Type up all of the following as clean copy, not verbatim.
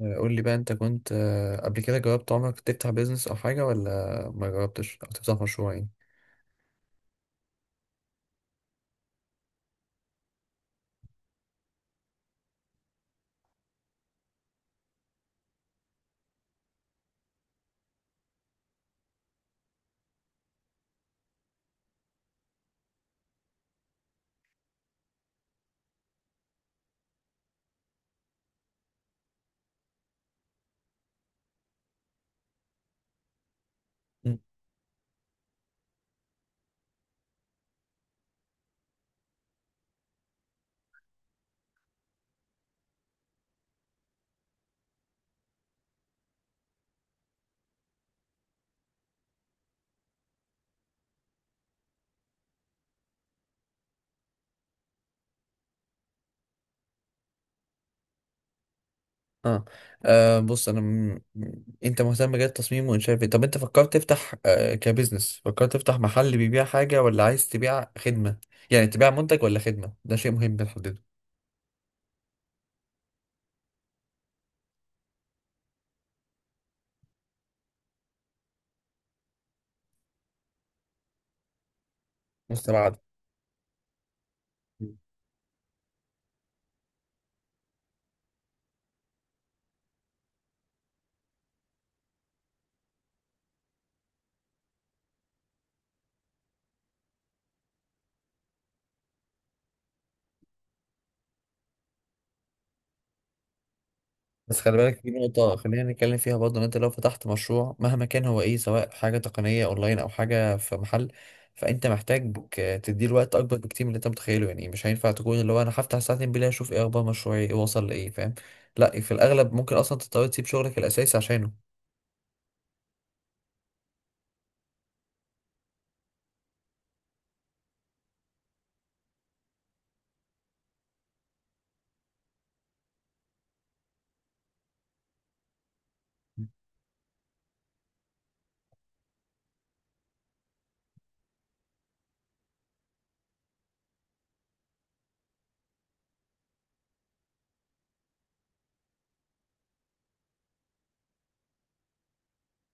قول لي بقى، انت كنت قبل كده جربت عمرك تفتح بيزنس او حاجة، ولا ما جربتش او تفتح مشروع يعني؟ مم. اه، بص انا انت مهتم بجد التصميم وانشاء الفيديو. طب انت فكرت تفتح كبزنس، فكرت تفتح محل بيبيع حاجة، ولا عايز تبيع خدمة؟ يعني تبيع منتج ولا خدمة، ده شيء مهم بنحدده. مستبعد. بس خلي بالك في نقطة خلينا نتكلم فيها برضه، إن أنت لو فتحت مشروع مهما كان هو إيه، سواء حاجة تقنية أونلاين أو حاجة في محل، فأنت محتاج تديله وقت أكبر بكتير من اللي أنت متخيله. يعني مش هينفع تكون اللي هو أنا هفتح ساعتين بالله أشوف إيه أخبار مشروعي، إيه وصل لإيه، فاهم؟ لا، في الأغلب ممكن أصلا تضطر تسيب شغلك الأساسي عشانه.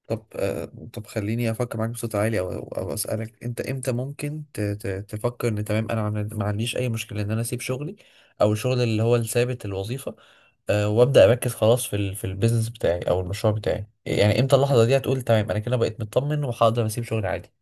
طب آه، طب خليني أفكر معاك بصوت عالي، أو أو أسألك، أنت إمتى ممكن تفكر إن تمام أنا ما عنديش أي مشكلة إن أنا أسيب شغلي، أو الشغل اللي هو الثابت، الوظيفة؟ أه، وابدا اركز خلاص في ال في البيزنس بتاعي او المشروع بتاعي. يعني امتى اللحظه دي هتقول تمام، انا كده بقيت مطمن وهقدر اسيب شغلي عادي؟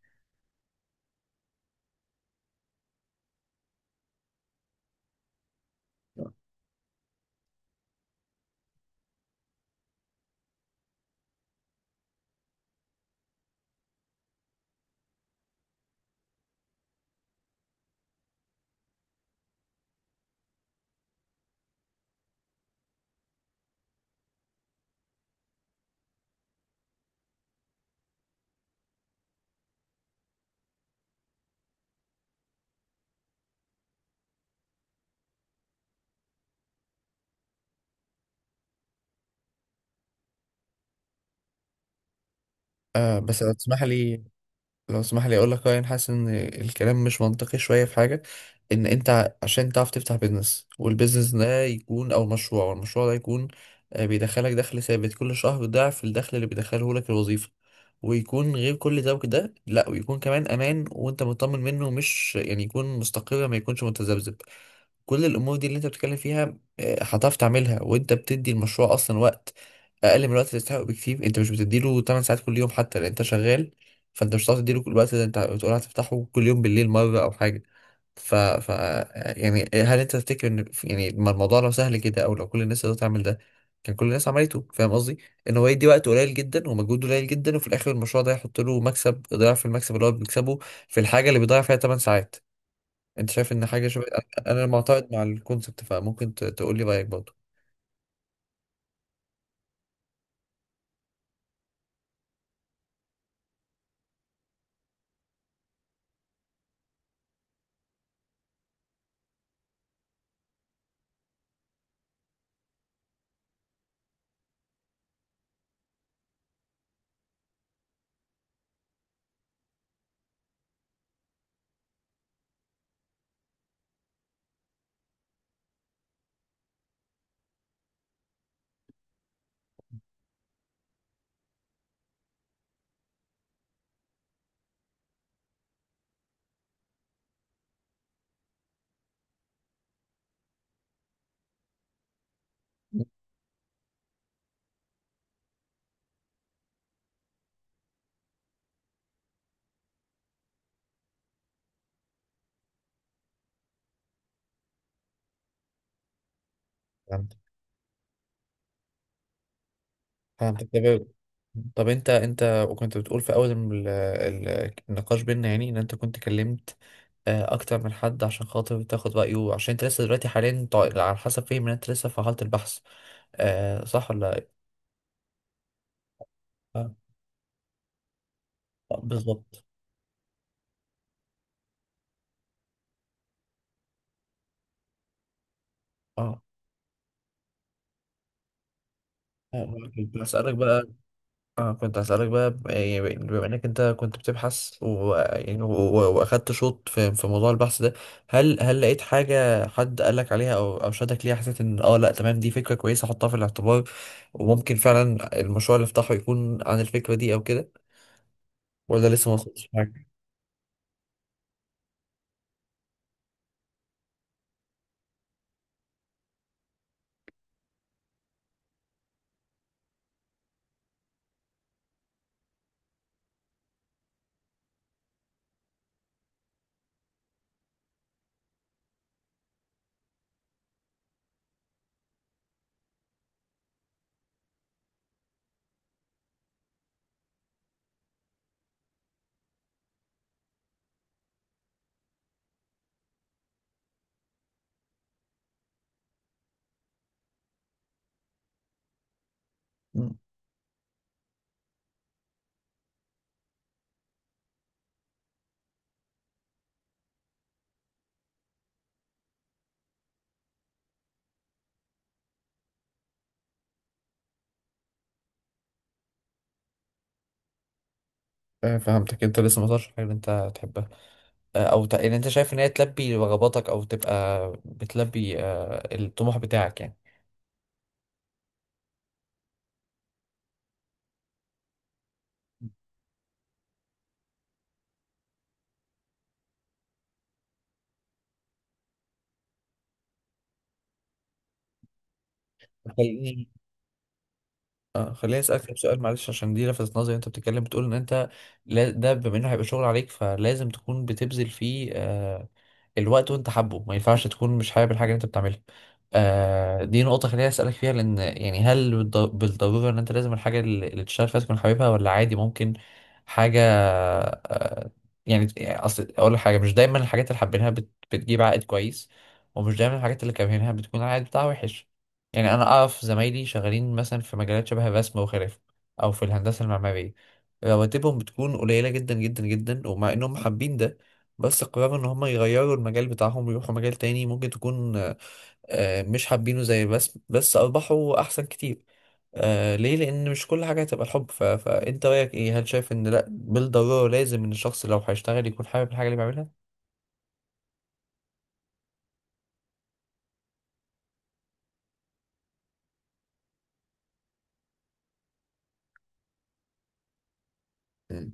بس لو تسمح لي اقول لك رأيي. انا حاسس ان الكلام مش منطقي شويه في حاجه. ان انت عشان تعرف تفتح بيزنس، والبيزنس ده يكون، او مشروع والمشروع ده يكون بيدخلك دخل ثابت كل شهر، ضعف الدخل اللي بيدخله لك الوظيفه، ويكون غير كل ده، وكده لا، ويكون كمان امان وانت مطمن منه، مش يعني يكون مستقر، ما يكونش متذبذب. كل الامور دي اللي انت بتتكلم فيها هتعرف تعملها وانت بتدي المشروع اصلا وقت اقل من الوقت اللي تستحقه بكتير. انت مش بتديله 8 ساعات كل يوم حتى، لان انت شغال. فانت مش هتعرف تديله كل الوقت ده. انت بتقول هتفتحه كل يوم بالليل مره او حاجه. ف... ف يعني، هل انت تفتكر ان، يعني، ما الموضوع لو سهل كده، او لو كل الناس تقدر تعمل ده كان كل الناس عملته؟ فاهم قصدي؟ ان هو يدي وقت قليل جدا ومجهود قليل جدا، وفي الاخر المشروع ده يحط له مكسب ضعف المكسب اللي هو بيكسبه في الحاجه اللي بيضيع فيها 8 ساعات. انت شايف ان حاجه شبه، انا معتقد مع الكونسبت؟ فممكن تقول لي رايك برضه. فهمت فهمتك تمام. طب انت وكنت بتقول في اول النقاش بينا، يعني ان انت كنت كلمت اكتر من حد عشان خاطر تاخد رايه، عشان انت لسه دلوقتي حاليا على حسب فهم ان انت لسه في حاله البحث. صح ولا إيه؟ اه، بالظبط. اه، آه، بسألك بقى. اه، كنت هسألك بقى، يعني، بما انك انت كنت بتبحث يعني واخدت شوط في موضوع البحث ده، هل لقيت حاجة حد قالك عليها، او او شدك ليها حسيت ان اه لا تمام، دي فكرة كويسة احطها في الاعتبار، وممكن فعلا المشروع اللي افتحه يكون عن الفكرة دي او كده، ولا لسه ما وصلتش حاجة؟ مم. فهمتك، انت لسه ما وصلتش حاجة اللي انت تحبها، او ان انت شايف ان هي تلبي رغباتك، او تبقى بتلبي الطموح بتاعك يعني. خليني اه خليني اسالك طب سؤال، معلش، عشان دي لفتت نظري. انت بتتكلم بتقول ان انت ده بما انه هيبقى شغل عليك، فلازم تكون بتبذل فيه الوقت وانت حابه، ما ينفعش تكون مش حابب الحاجه اللي انت بتعملها. دي نقطه خليني اسالك فيها، لان يعني هل بالضروره ان انت لازم الحاجه اللي تشتغل فيها تكون حاببها، ولا عادي ممكن حاجه يعني؟ اصل اقول لك حاجه، مش دايما الحاجات اللي حابينها بتجيب عائد كويس، ومش دايما الحاجات اللي كارهينها بتكون العائد بتاعها وحش. يعني انا اعرف زمايلي شغالين مثلا في مجالات شبه الرسم وخلافه، او في الهندسه المعماريه، رواتبهم بتكون قليله جدا جدا جدا، ومع انهم حابين ده، بس قرروا ان هم يغيروا المجال بتاعهم ويروحوا مجال تاني ممكن تكون مش حابينه زي الرسم، بس ارباحه احسن كتير. ليه؟ لان مش كل حاجه هتبقى الحب. فانت رايك ايه، هل شايف ان لا بالضروره لازم ان الشخص لو هيشتغل يكون حابب الحاجه اللي بيعملها؟ مم،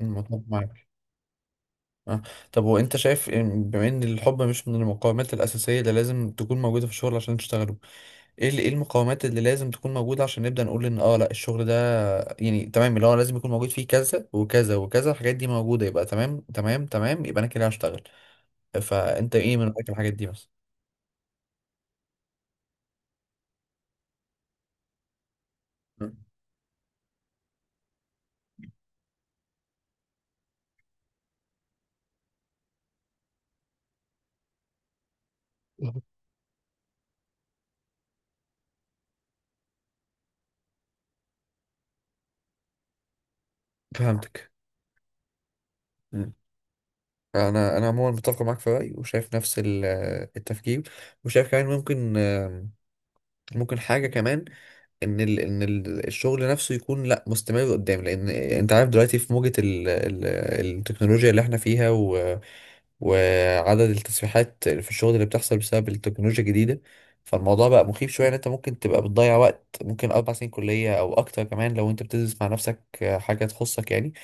مم، متفق معاك. آه. طب وانت شايف بما ان الحب مش من المقومات الاساسيه اللي لازم تكون موجوده في الشغل عشان تشتغله، ايه ايه المقومات اللي لازم تكون موجوده عشان نبدا نقول ان اه لا، الشغل ده يعني تمام اللي هو لازم يكون موجود فيه كذا وكذا وكذا، الحاجات دي موجوده يبقى تمام تمام تمام، يبقى انا كده هشتغل. فانت ايه من رايك الحاجات دي مثلا؟ مم. فهمتك. مم. انا عموما متفق معاك في رايي، وشايف نفس التفكير، وشايف كمان ممكن، ممكن حاجه كمان، ان الشغل نفسه يكون لا مستمر قدام، لان انت عارف دلوقتي في موجة ال ال التكنولوجيا اللي احنا فيها، وعدد التسريحات في الشغل اللي بتحصل بسبب التكنولوجيا الجديدة. فالموضوع بقى مخيف شوية، ان انت ممكن تبقى بتضيع وقت، ممكن 4 سنين كلية او اكتر كمان لو انت بتدرس مع نفسك حاجة تخصك يعني،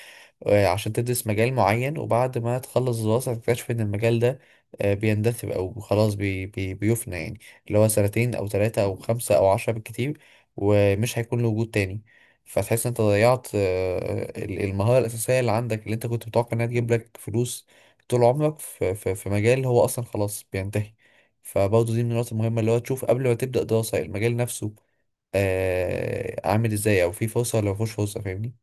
عشان تدرس مجال معين، وبعد ما تخلص الدراسة تكتشف إن المجال ده بيندثر، أو خلاص بي بي بيفنى يعني، اللي هو سنتين أو ثلاثة أو خمسة أو 10 بالكتير، ومش هيكون له وجود تاني. فتحس إن أنت ضيعت المهارة الأساسية اللي عندك، اللي أنت كنت متوقع إنها تجيب لك فلوس طول عمرك، في مجال هو أصلا خلاص بينتهي. فبرضه دي من النقط المهمة اللي هو تشوف قبل ما تبدأ دراسة المجال نفسه، عامل إزاي، أو فيه فرصة ولا مفيهوش فرصة، فاهمني؟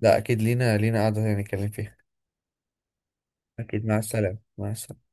لا اكيد، لينا قعدة تانية نتكلم فيها. اكيد، مع السلامة مع السلامة.